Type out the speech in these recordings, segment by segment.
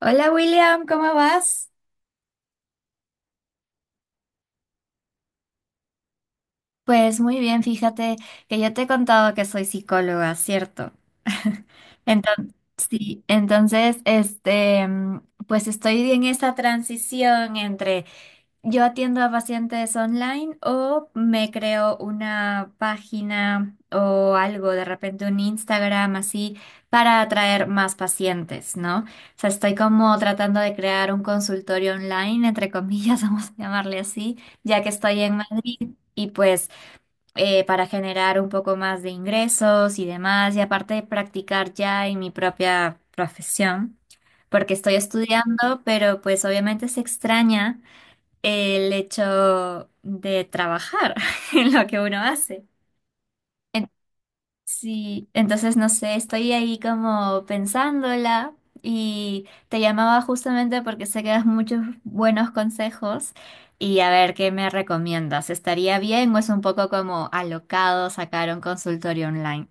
Hola William, ¿cómo vas? Pues muy bien, fíjate que yo te he contado que soy psicóloga, ¿cierto? Entonces, sí, entonces, este, mm, pues estoy en esa transición entre yo atiendo a pacientes online, o me creo una página o algo, de repente un Instagram así, para atraer más pacientes, ¿no? O sea, estoy como tratando de crear un consultorio online, entre comillas, vamos a llamarle así, ya que estoy en Madrid y pues para generar un poco más de ingresos y demás, y aparte de practicar ya en mi propia profesión, porque estoy estudiando, pero pues obviamente se extraña el hecho de trabajar en lo que uno hace. Sí, entonces no sé, estoy ahí como pensándola, y te llamaba justamente porque sé que das muchos buenos consejos y a ver qué me recomiendas. ¿Estaría bien o es un poco como alocado sacar un consultorio online?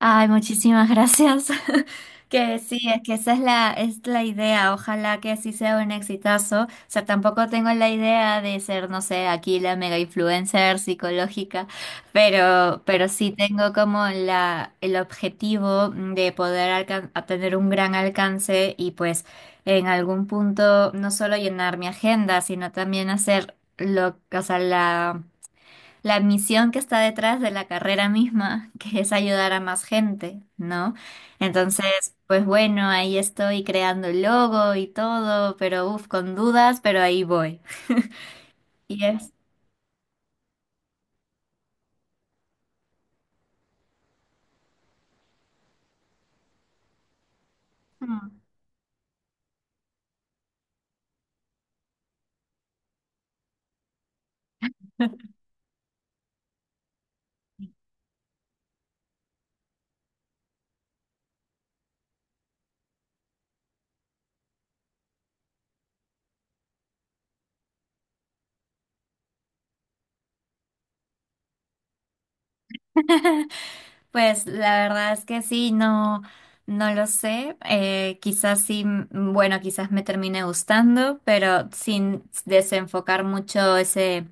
Ay, muchísimas gracias. Que sí, es que esa es la idea. Ojalá que sí sea un exitazo. O sea, tampoco tengo la idea de ser, no sé, aquí la mega influencer psicológica, pero sí tengo como la, el objetivo de poder alcan- a tener un gran alcance, y pues en algún punto no solo llenar mi agenda, sino también hacer lo, o sea, la misión que está detrás de la carrera misma, que es ayudar a más gente, ¿no? Entonces, pues bueno, ahí estoy creando el logo y todo, pero uff, con dudas, pero ahí voy. Y es. Mm. Pues la verdad es que sí, no, no lo sé. Quizás sí, bueno, quizás me termine gustando, pero sin desenfocar mucho ese,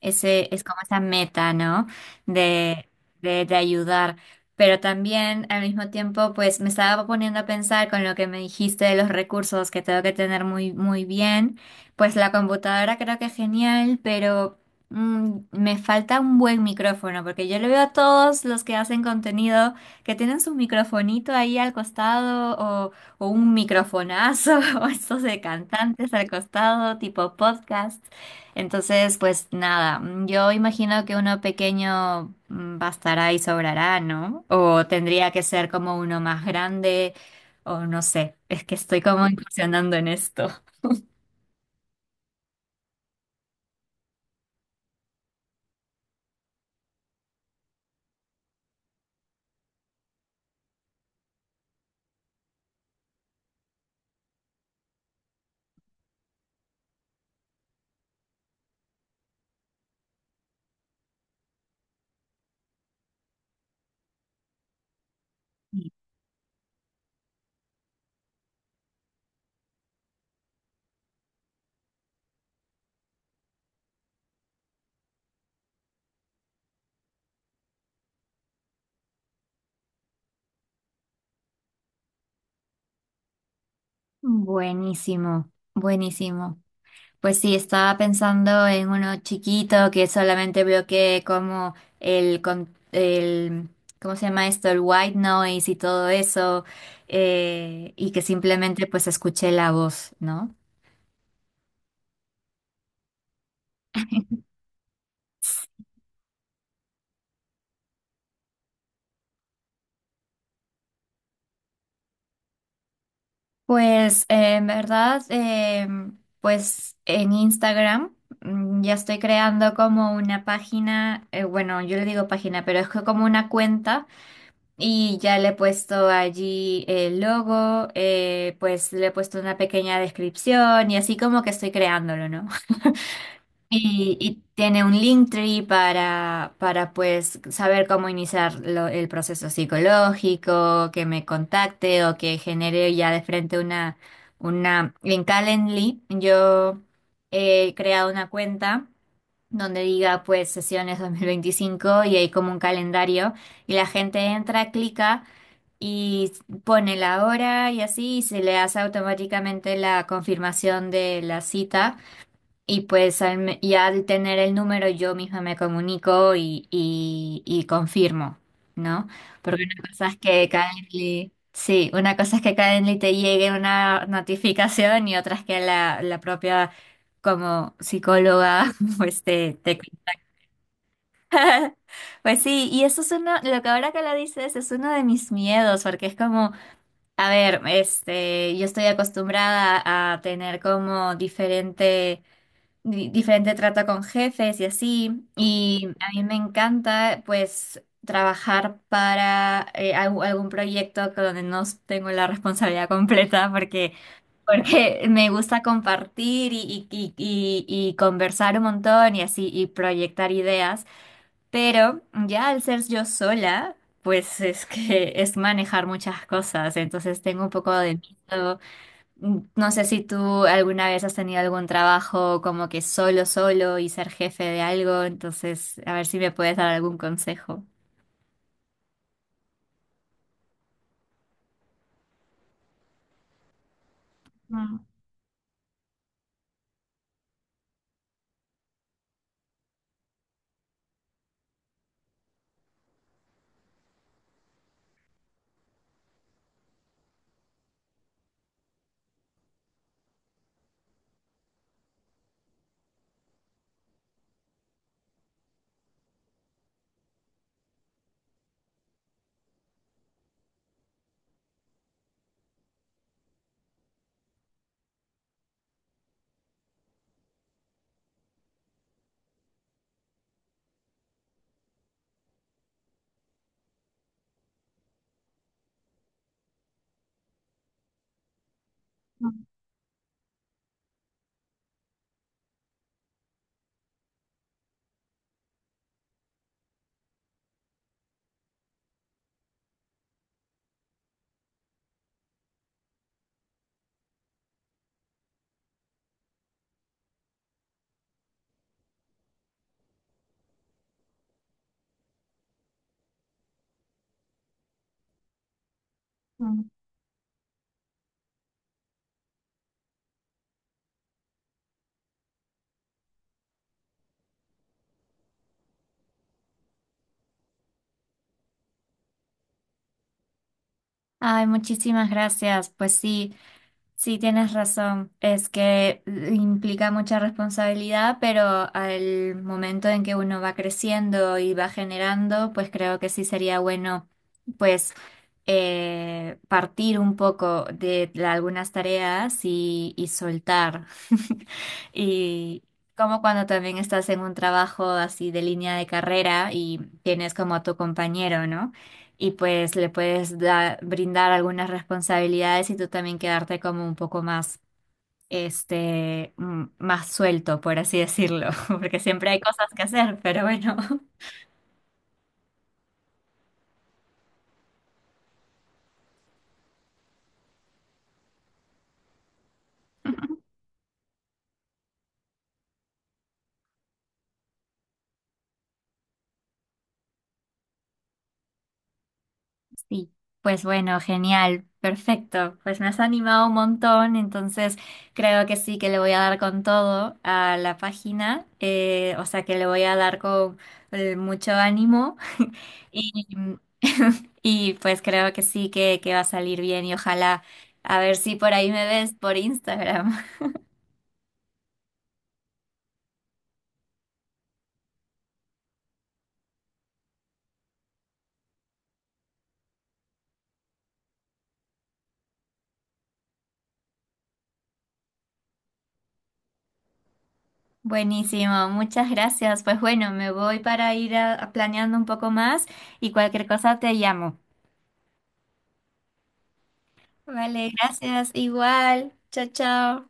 ese, es como esa meta, ¿no? De, de ayudar. Pero también al mismo tiempo, pues me estaba poniendo a pensar con lo que me dijiste de los recursos, que tengo que tener muy, muy bien. Pues la computadora creo que es genial, pero me falta un buen micrófono, porque yo le veo a todos los que hacen contenido que tienen su microfonito ahí al costado o, o un microfonazo o estos de cantantes al costado, tipo podcast. Entonces, pues nada, yo imagino que uno pequeño bastará y sobrará, ¿no? O tendría que ser como uno más grande, o no sé, es que estoy como incursionando en esto. Buenísimo, buenísimo. Pues sí, estaba pensando en uno chiquito que solamente bloquee como el, con- el, ¿cómo se llama esto? El white noise y todo eso, y que simplemente pues escuché la voz, ¿no? Pues en verdad, pues en Instagram ya estoy creando como una página, bueno, yo le digo página, pero es que como una cuenta. Y ya le he puesto allí el logo, pues le he puesto una pequeña descripción y así como que estoy creándolo, ¿no? Y, y tiene un Linktree para pues saber cómo iniciar el proceso psicológico, que me contacte o que genere ya de frente En Calendly yo he creado una cuenta donde diga pues sesiones 2025, y hay como un calendario y la gente entra, clica y pone la hora y así, y se le hace automáticamente la confirmación de la cita, y pues ya al tener el número yo misma me comunico y confirmo, ¿no? Porque una cosa es que Calendly, sí, una cosa es que Calendly te llegue una notificación, y otra es que la propia como psicóloga pues te pues sí, y eso es uno, lo que ahora que lo dices es uno de mis miedos, porque es como, a ver, este, yo estoy acostumbrada a tener como diferente, diferente trato con jefes y así, y a mí me encanta pues trabajar para algún proyecto con donde no tengo la responsabilidad completa, porque, porque me gusta compartir y, y conversar un montón y así, y proyectar ideas. Pero ya al ser yo sola, pues es que es manejar muchas cosas, entonces tengo un poco de miedo. No sé si tú alguna vez has tenido algún trabajo como que solo, solo y ser jefe de algo, entonces a ver si me puedes dar algún consejo. Mm, mm. Ay, muchísimas gracias. Pues sí, sí, tienes razón. Es que implica mucha responsabilidad, pero al momento en que uno va creciendo y va generando, pues creo que sí sería bueno, pues, partir un poco de algunas tareas, y soltar. Y como cuando también estás en un trabajo así de línea de carrera y tienes como a tu compañero, ¿no? Y pues le puedes brindar algunas responsabilidades, y tú también quedarte como un poco más, más suelto, por así decirlo, porque siempre hay cosas que hacer, pero bueno, sí. Pues bueno, genial, perfecto. Pues me has animado un montón, entonces creo que sí que le voy a dar con todo a la página, o sea que le voy a dar con mucho ánimo. Y, y pues creo que sí que va a salir bien, y ojalá a ver si por ahí me ves por Instagram. Buenísimo, muchas gracias. Pues bueno, me voy para ir a planeando un poco más, y cualquier cosa te llamo. Vale, gracias, igual. Chao, chao.